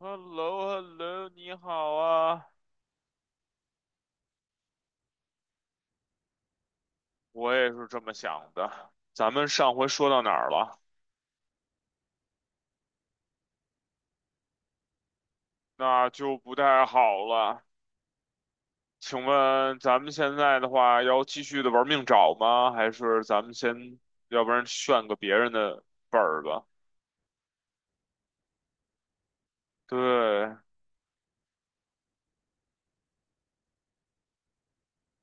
h e l l o h e l l o 你好啊，我也是这么想的。咱们上回说到哪儿了？那就不太好了。请问咱们现在的话，要继续的玩命找吗？还是咱们先，要不然炫个别人的本儿吧？对，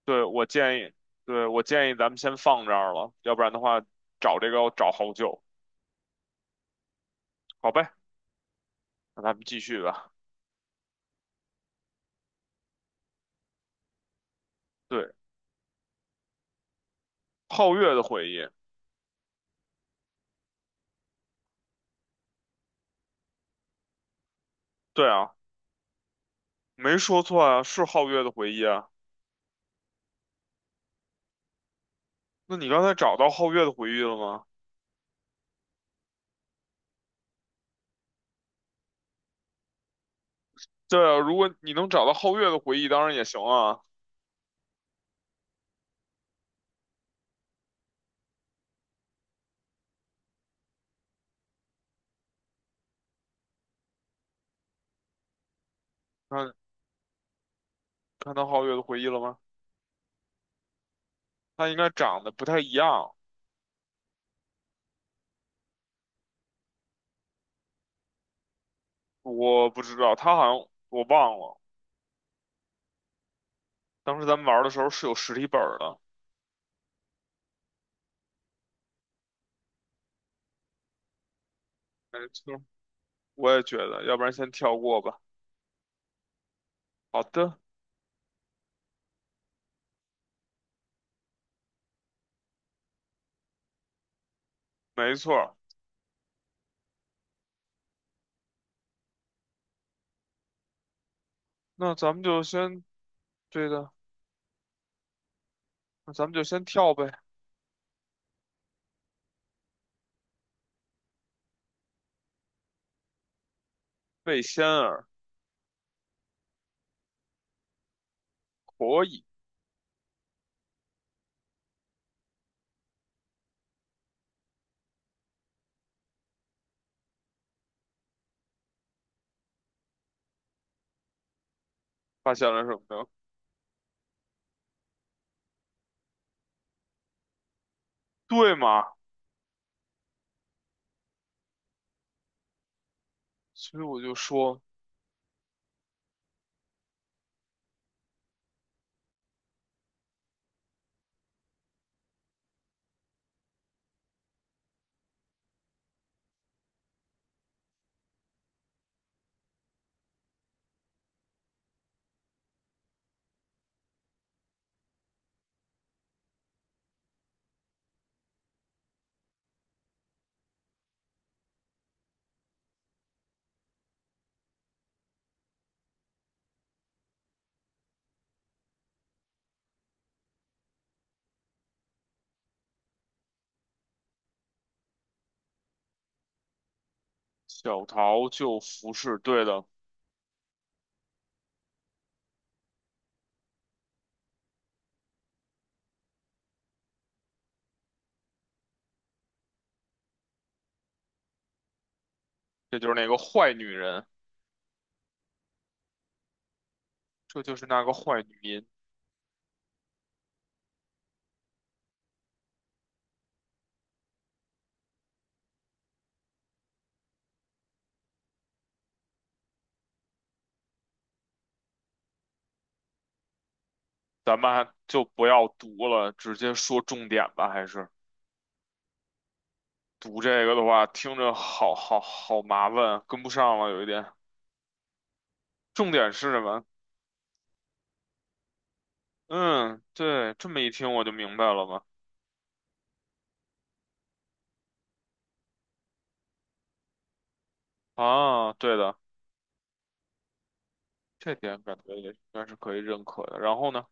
对，我建议，对，我建议咱们先放这儿了，要不然的话，找这个要找好久。好呗，那咱们继续吧。对，皓月的回忆，对啊，没说错啊，是皓月的回忆啊。那你刚才找到皓月的回忆了吗？对啊，如果你能找到皓月的回忆，当然也行啊。看看到皓月的回忆了吗？他应该长得不太一样，我不知道，他好像我忘了。当时咱们玩的时候是有实体本儿的，没错，我也觉得，要不然先跳过吧。好的，没错，那咱们就先对的，那咱们就先跳呗。魏仙儿可以发现了什么呢？对吗？所以我就说小桃就服侍，对的。这就是那个坏女人，这就是那个坏女人。咱们还就不要读了，直接说重点吧。还是读这个的话，听着好好好麻烦，跟不上了有一点。重点是什么？嗯，对，这么一听我就明白了嘛。啊，对的，这点感觉也应该是可以认可的。然后呢？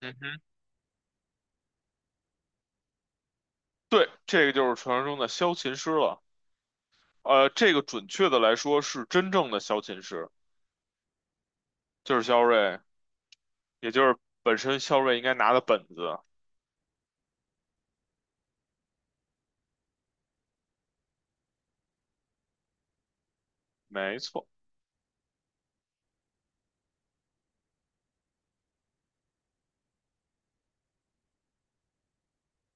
嗯哼，对，这个就是传说中的萧琴师了。这个准确的来说是真正的萧琴师，就是萧睿，也就是本身萧睿应该拿的本子。没错，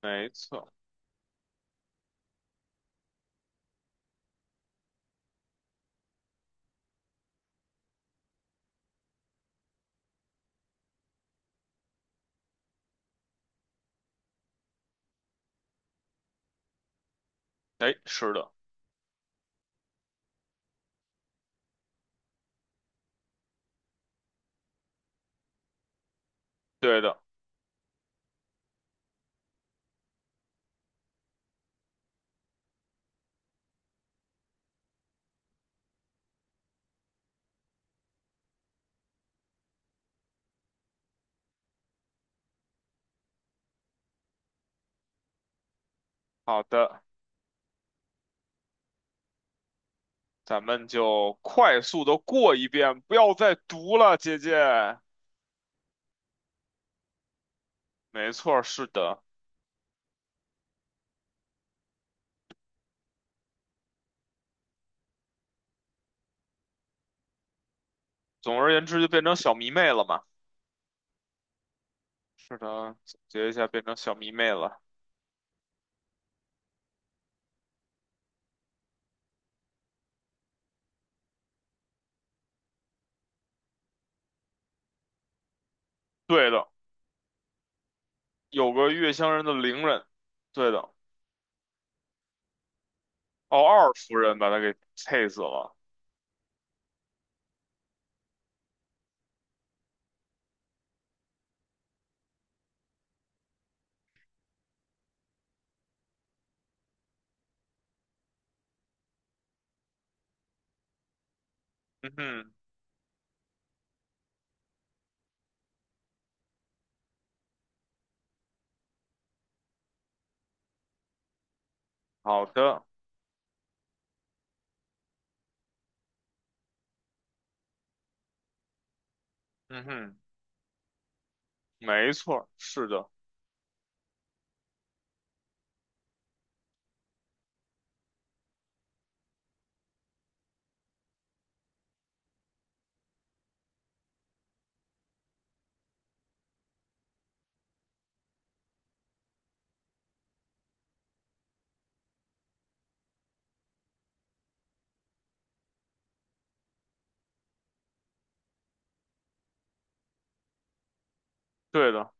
没错，哎，是的，对的，好的，咱们就快速的过一遍，不要再读了，姐姐。没错，是的，总而言之就变成小迷妹了嘛。是的，总结一下，变成小迷妹了。对的，有个月香人的伶人，对的，哦，二夫人把他给气死了。嗯哼，好的，嗯哼，没错，是的，对的，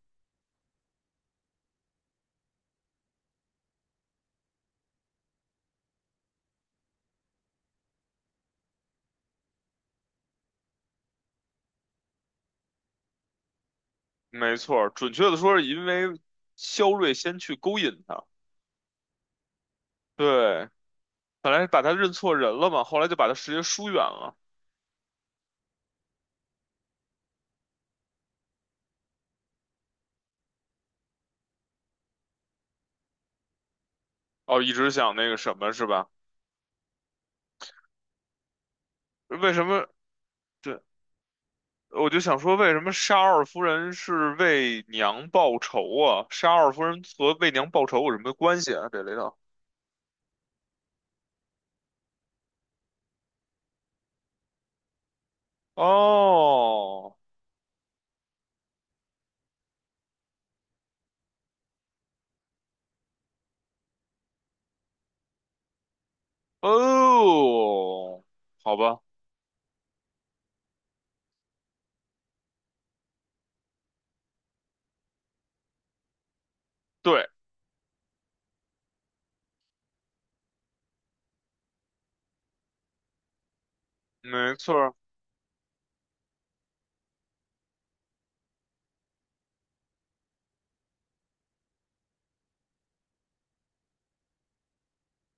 没错，准确的说是因为肖睿先去勾引他。对，本来把他认错人了嘛，后来就把他直接疏远了。哦，一直想那个什么是吧？为什么？对，我就想说，为什么沙二夫人是为娘报仇啊？沙二夫人和为娘报仇有什么关系啊？这里头？哦哦，好吧，对，没错儿，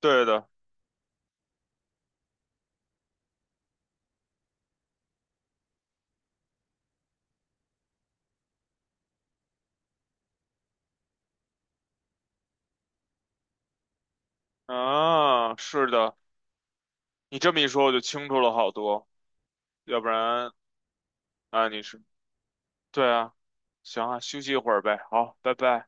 对的，啊，是的，你这么一说我就清楚了好多，要不然啊，你是，对啊，行啊，休息一会儿呗，好，拜拜。